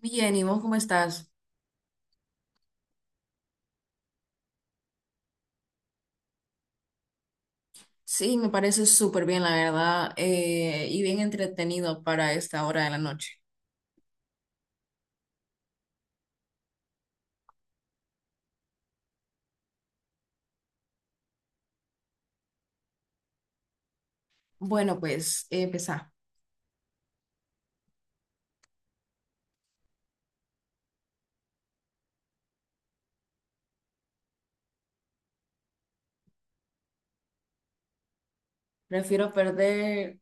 Bien, ¿y vos cómo estás? Sí, me parece súper bien, la verdad, y bien entretenido para esta hora de la noche. Bueno, pues empezá. Prefiero perder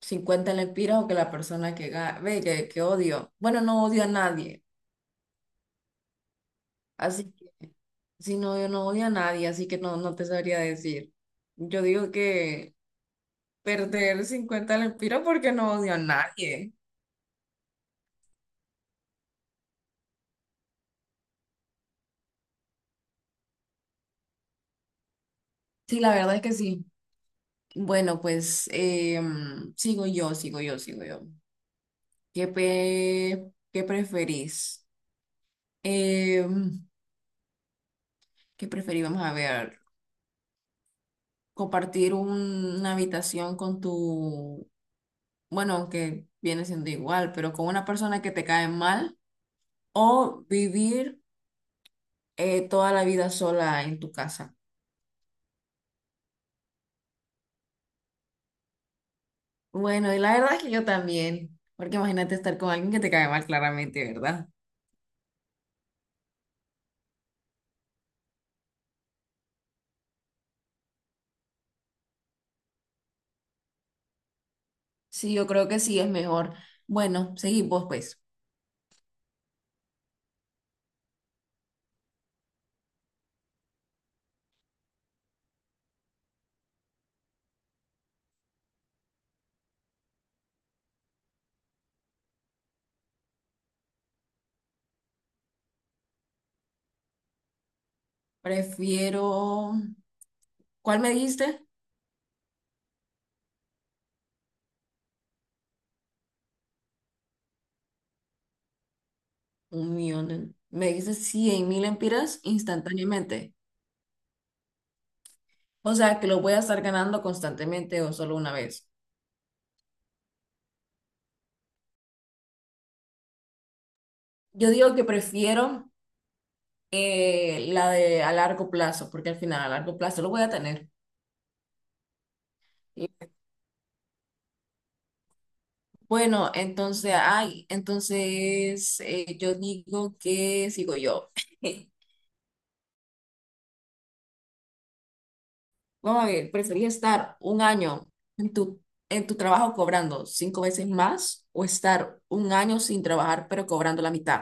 50 lempiras o que la persona que ve que odio. Bueno, no odio a nadie, así que si no, yo no odio a nadie, así que no, no te sabría decir. Yo digo que perder 50 lempiras porque no odio a nadie. Sí, la verdad es que sí. Bueno, pues sigo yo. ¿Qué preferís? Eh, ¿qué preferís? Vamos a ver. Compartir una habitación con tu, bueno, aunque viene siendo igual, pero con una persona que te cae mal, o vivir toda la vida sola en tu casa. Bueno, y la verdad es que yo también, porque imagínate estar con alguien que te cae mal claramente, ¿verdad? Sí, yo creo que sí es mejor. Bueno, seguimos pues. Prefiero, ¿cuál me dijiste? 1 millón, me dices 100.000 empiras instantáneamente. O sea, que lo voy a estar ganando constantemente o solo una vez. Yo digo que prefiero la de a largo plazo, porque al final a largo plazo lo voy a tener. Y Bueno, entonces, ay, entonces yo digo que sigo yo. Vamos a ver, ¿preferís estar un año en tu, trabajo cobrando 5 veces más, o estar un año sin trabajar pero cobrando la mitad?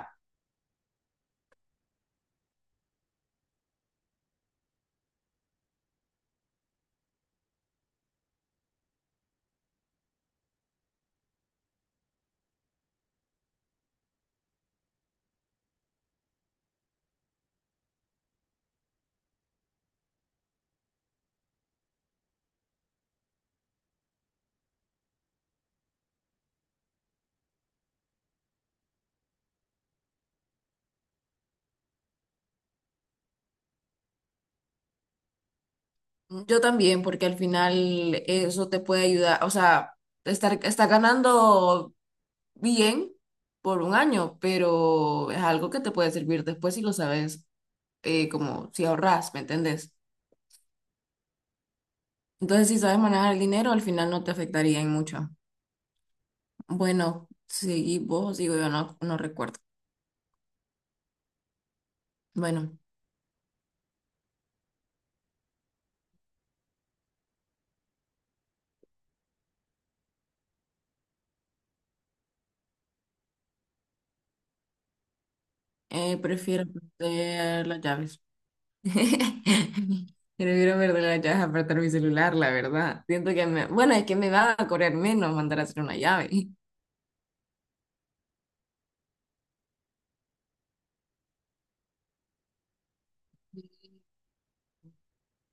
Yo también, porque al final eso te puede ayudar, o sea, está ganando bien por un año, pero es algo que te puede servir después si lo sabes, como si ahorras, ¿me entendés? Entonces, si sabes manejar el dinero, al final no te afectaría en mucho. Bueno, seguí vos, digo yo, no, no recuerdo. Bueno, prefiero perder las llaves. Prefiero perder las llaves a perder mi celular, la verdad. Siento que bueno, es que me va a correr menos mandar a hacer una llave.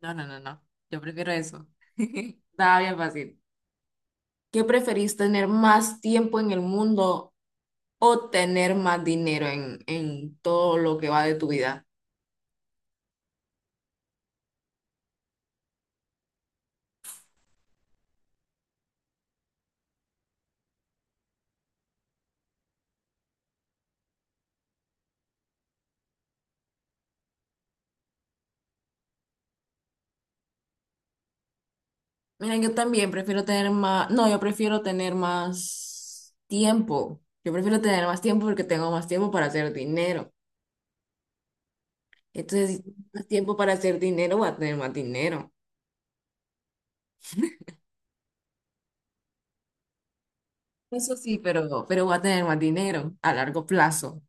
No, no, no, no. Yo prefiero eso. Está bien fácil. ¿Qué preferís, tener más tiempo en el mundo o tener más dinero en todo lo que va de tu vida? Mira, yo también prefiero tener más, no, yo prefiero tener más tiempo. Yo prefiero tener más tiempo porque tengo más tiempo para hacer dinero. Entonces, si tengo más tiempo para hacer dinero, voy a tener más dinero. Eso sí, pero, voy a tener más dinero a largo plazo.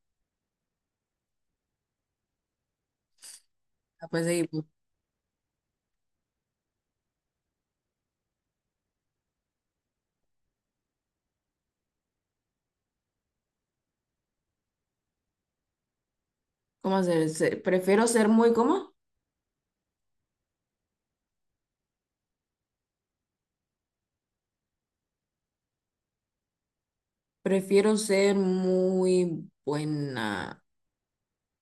Ah, pues sí, pues, ¿cómo se- Prefiero ser muy, ¿cómo? Prefiero ser muy buena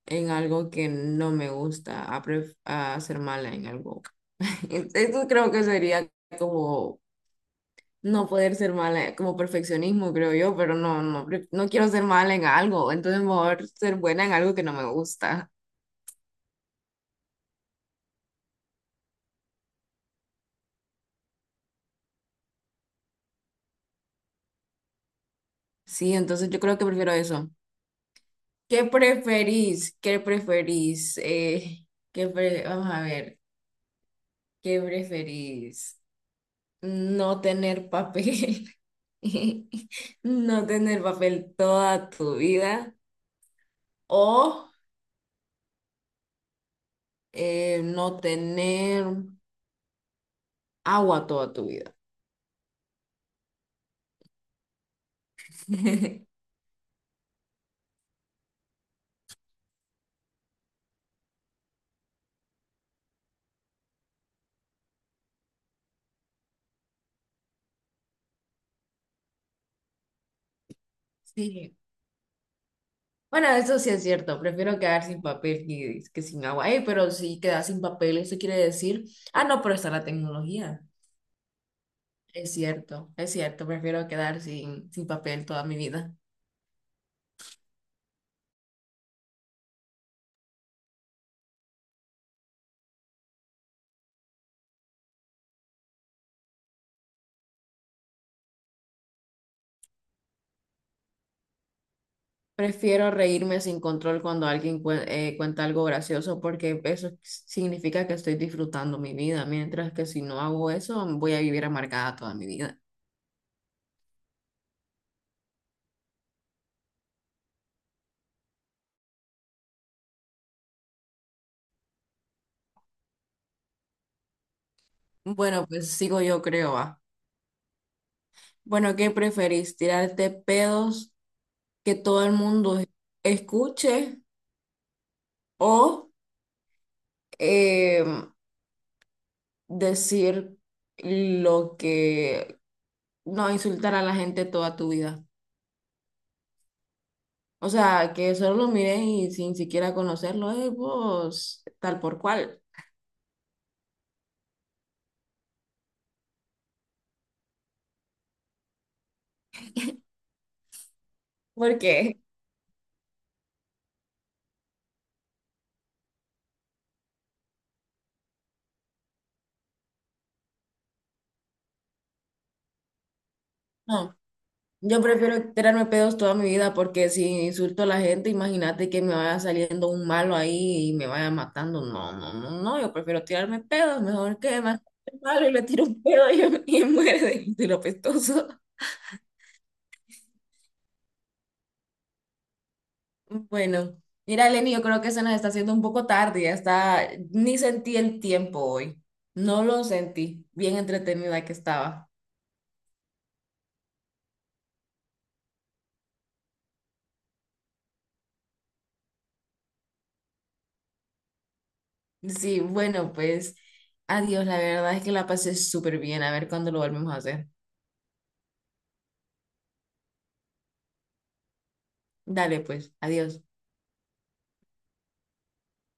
en algo que no me gusta, a ser mala en algo. Esto creo que sería como no poder ser mala, como perfeccionismo, creo yo, pero no, no quiero ser mala en algo, entonces mejor ser buena en algo que no me gusta. Sí, entonces yo creo que prefiero eso. ¿Qué preferís? Vamos a ver, ¿qué preferís? ¿No tener papel? ¿No tener papel toda tu vida? ¿O no tener agua toda tu vida? Sí. Bueno, eso sí es cierto. Prefiero quedar sin papel que sin agua. Ey, pero si quedas sin papel, eso quiere decir... Ah, no, pero está la tecnología. Es cierto, prefiero quedar sin, papel toda mi vida. Prefiero reírme sin control cuando alguien cuenta algo gracioso, porque eso significa que estoy disfrutando mi vida, mientras que si no hago eso voy a vivir amargada toda mi vida. Bueno, pues sigo yo creo, va. Bueno, ¿qué preferís? ¿Tirarte pedos que todo el mundo escuche o eh, decir lo que... no, insultar a la gente toda tu vida? O sea, que solo lo miren y sin siquiera conocerlo, vos, tal por cual. ¿Por qué? No, yo prefiero tirarme pedos toda mi vida, porque si insulto a la gente, imagínate que me vaya saliendo un malo ahí y me vaya matando. No, no, no, no, yo prefiero tirarme pedos, mejor que me salte el malo y le tiro un pedo, y muere de, lo pestoso. Bueno, mira, Lenny, yo creo que se nos está haciendo un poco tarde, ya está, ni sentí el tiempo hoy, no lo sentí, bien entretenida que estaba. Sí, bueno, pues adiós, la verdad es que la pasé súper bien, a ver cuándo lo volvemos a hacer. Dale, pues, adiós.